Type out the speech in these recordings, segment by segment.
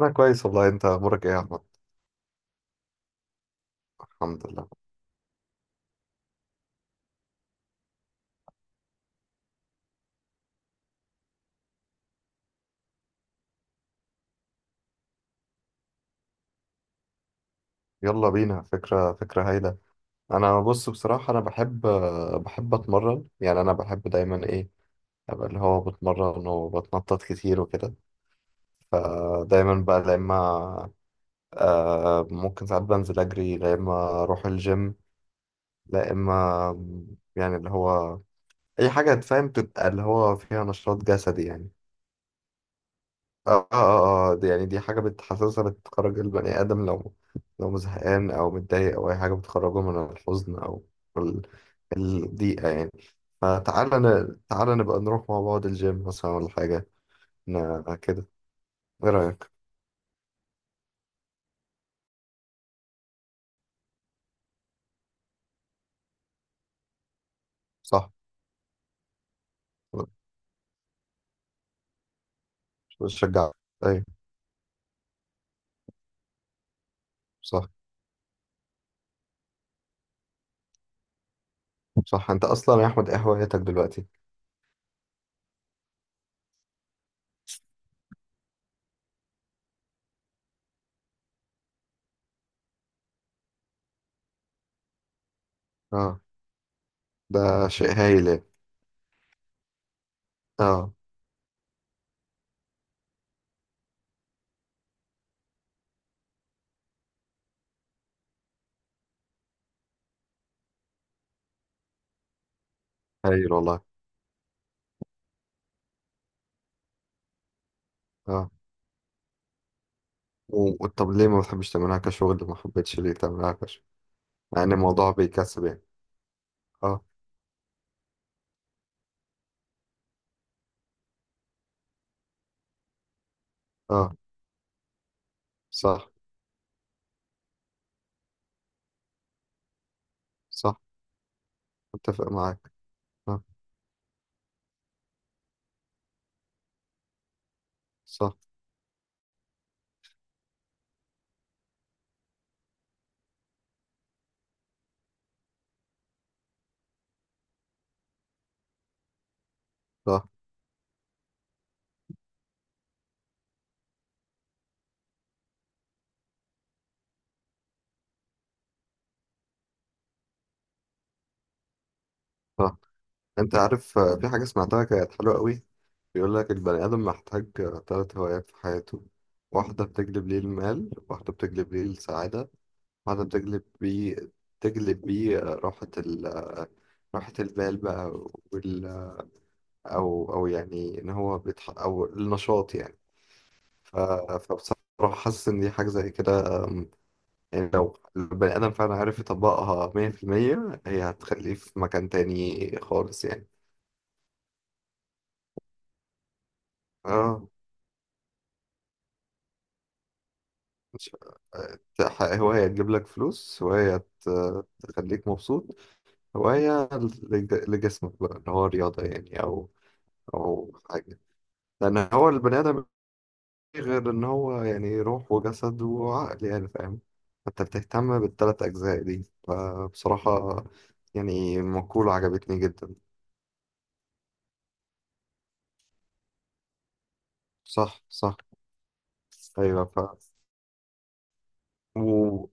أنا كويس والله. أنت أمورك إيه يا أحمد؟ الحمد لله. يلا بينا، فكرة فكرة هايلة. أنا بص، بصراحة أنا بحب أتمرن. يعني أنا بحب دايما إيه، أبقى اللي هو بتمرن وبتنطط كتير وكده. فدايما بقى لا إما، ممكن ساعات بنزل أجري، لا إما أروح الجيم، لا إما، يعني اللي هو أي حاجة تفهم تبقى اللي هو فيها نشاط جسدي يعني. اه اه اه، دي يعني حاجة بتحسسها بتخرج البني آدم. لو زهقان أو متضايق أو أي حاجة بتخرجه من الحزن أو ال- الضيقة يعني. فتعالى ن... تعالى نبقى نروح مع بعض الجيم مثلا ولا حاجة، كده. إيه رأيك؟ صح، بشجع، أيوة. صح صح. أنت أصلا يا أحمد، إيه هوايتك دلوقتي؟ اه، ده شيء هايل يعني. اه، هايل والله. اه. طب ليه ما بتحبش تعملها كشغل؟ ما حبيتش ليه تعملها كشغل؟ مع إن الموضوع بيكسب يعني. اه. اه، صح. صح، متفق معاك. اه، صح. صح صح. انت عارف، في حاجة سمعتها كانت حلوة قوي. بيقول لك البني آدم محتاج تلات هوايات في حياته. واحدة بتجلب ليه المال، واحدة بتجلب ليه السعادة، واحدة بتجلب بيه، تجلب بيه راحة ال آه، راحة البال بقى. وال أو يعني إن هو بيتح أو النشاط يعني. فبصراحة حاسس إن دي حاجة زي كده. يعني لو البني آدم فعلا عارف يطبقها 100%، هي هتخليه في مكان تاني خالص يعني. اه، مش هواية تجيب لك فلوس، هواية تخليك مبسوط، هواية لجسمك بقى اللي هو رياضة يعني، أو أو حاجة. لأن هو البني آدم مفيش غير إن هو يعني روح وجسد وعقل يعني، فاهم؟ أنت بتهتم بالتلات أجزاء دي، فبصراحة يعني مقولة عجبتني جدا. صح صح، أيوة. و...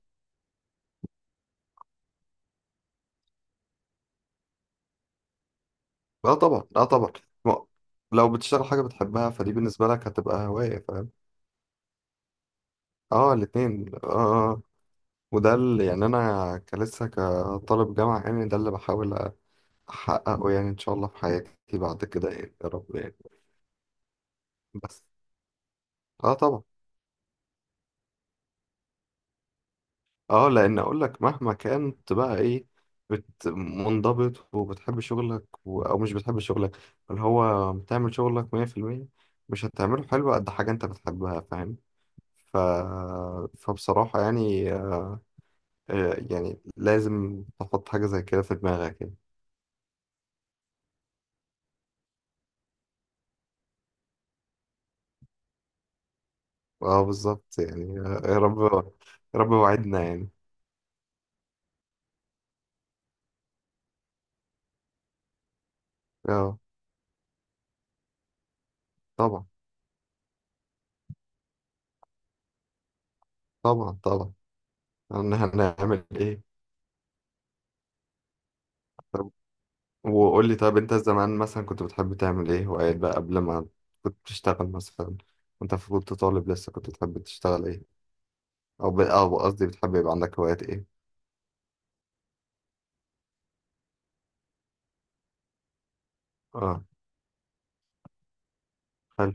لا طبعا، لا طبعا. ما... لو بتشتغل حاجة بتحبها فدي بالنسبة لك هتبقى هواية، فاهم؟ اه، الاتنين، اه. وده اللي يعني انا كلسه كطالب جامعة، يعني ده اللي بحاول احققه يعني، ان شاء الله في حياتي بعد كده يعني يا رب يعني. بس اه، طبعا. اه، لان اقول لك مهما كانت بقى ايه، منضبط وبتحب شغلك، او مش بتحب شغلك اللي هو بتعمل شغلك 100%، مش هتعمله حلو قد حاجة انت بتحبها، فاهم؟ ف... فبصراحة يعني يعني لازم تحط حاجة زي كده في دماغك يعني. اه، بالظبط يعني. يا رب. يا رب، وعدنا يعني. اه، طبعا طبعا طبعا. هنعمل ايه؟ طب، وقول لي، طب انت زمان مثلا كنت بتحب تعمل ايه هوايات بقى قبل ما كنت بتشتغل مثلا، وانت كنت طالب لسه كنت بتحب تشتغل ايه؟ او ب... او قصدي، بتحب يبقى عندك هوايات ايه؟ اه، حلو،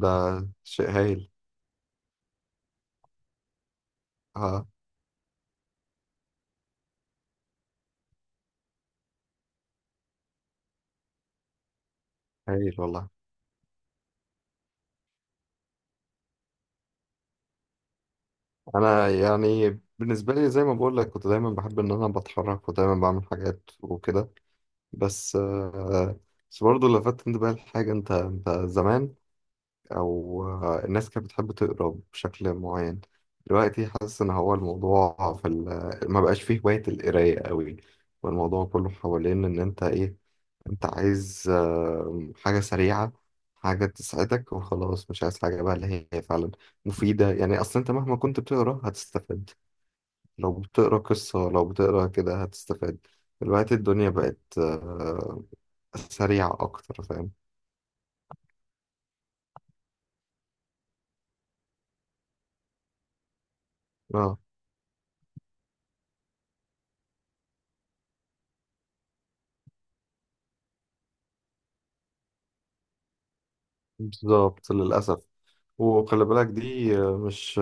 ده شيء هايل. اه، هايل والله. انا يعني بالنسبه لي زي ما بقول لك، كنت دايما بحب ان انا بتحرك ودايما بعمل حاجات وكده، بس بس برضه لفت انتباهي لحاجه. انت انت زمان، او الناس كانت بتحب تقرا بشكل معين. دلوقتي حاسس ان هو الموضوع في ما بقاش فيه هوايه القرايه قوي، والموضوع كله حوالين ان انت ايه، انت عايز حاجه سريعه، حاجة تسعدك وخلاص، مش عايز حاجة بقى اللي هي فعلا مفيدة. يعني أصلا أنت مهما كنت بتقرا هتستفاد، لو بتقرا قصة لو بتقرا كده هتستفاد. دلوقتي الدنيا بقت سريعة أكتر، فاهم؟ اه، بالظبط، للأسف. وخلي بالك، دي مش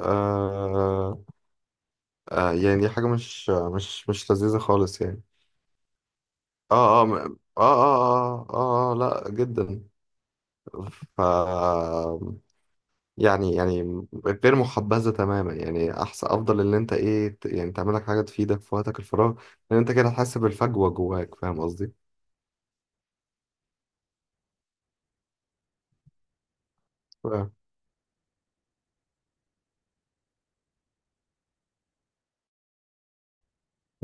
آه آه يعني دي حاجة مش آه، مش مش لذيذة خالص يعني. اه اه اه اه اه، آه، آه، لا جدا. ف يعني، غير محبذة تماما يعني. أحسن، أفضل إن أنت إيه، يعني تعمل لك حاجة تفيدك في وقتك الفراغ، لأن أنت كده هتحس بالفجوة جواك، فاهم قصدي؟ ف-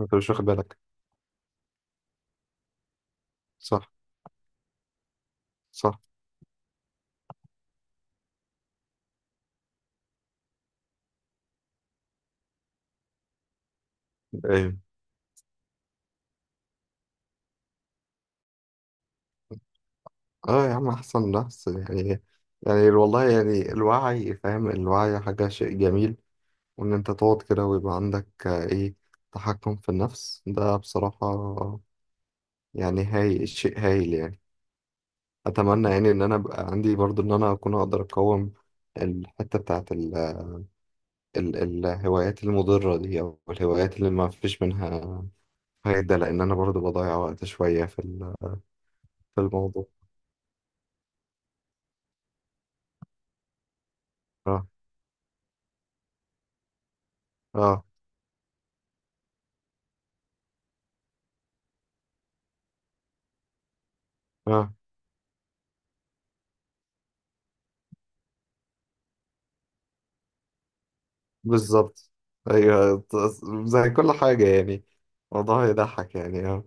أنت مش واخد بالك. صح صح، أيوه. أه يا عم، أحسن نفس يعني. يعني والله يعني الوعي فاهم، الوعي حاجة، شيء جميل. وإن أنت تقعد كده ويبقى عندك آه، إيه تحكم في النفس، ده بصراحة يعني، هاي شيء هايل يعني. اتمنى يعني ان انا ابقى عندي برضو ان انا اكون اقدر اقاوم الحته بتاعت ال ال الهوايات المضره دي، او الهوايات اللي ما فيش منها فايده، لان انا برضو بضيع وقت شويه في الموضوع. اه اه اه، بالظبط. ايوه، زي كل حاجه يعني الموضوع يضحك يعني، اه.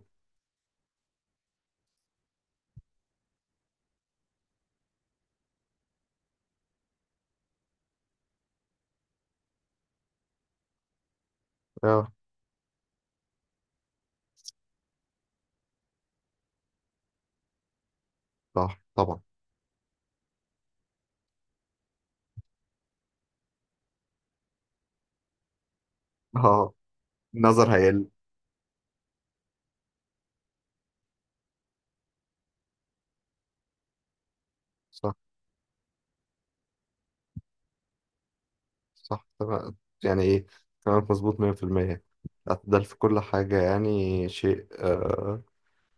اه، صح طبعا. اه، النظر هيقل. صح صح، تمام. يعني ايه، كلامك مظبوط 100%. الاعتدال في كل حاجة يعني شيء، آه،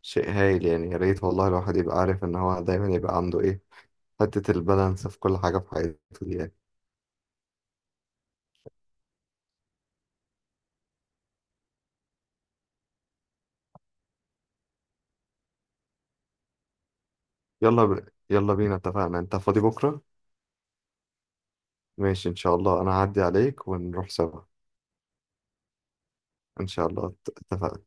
شيء هايل يعني. يا ريت والله الواحد يبقى عارف ان هو دايما يبقى عنده ايه، حتة البالانس في كل حاجة في حياته دي يعني. يلا بينا، اتفقنا. انت فاضي بكرة؟ ماشي، ان شاء الله انا هعدي عليك ونروح سوا. ان شاء الله، اتفقنا.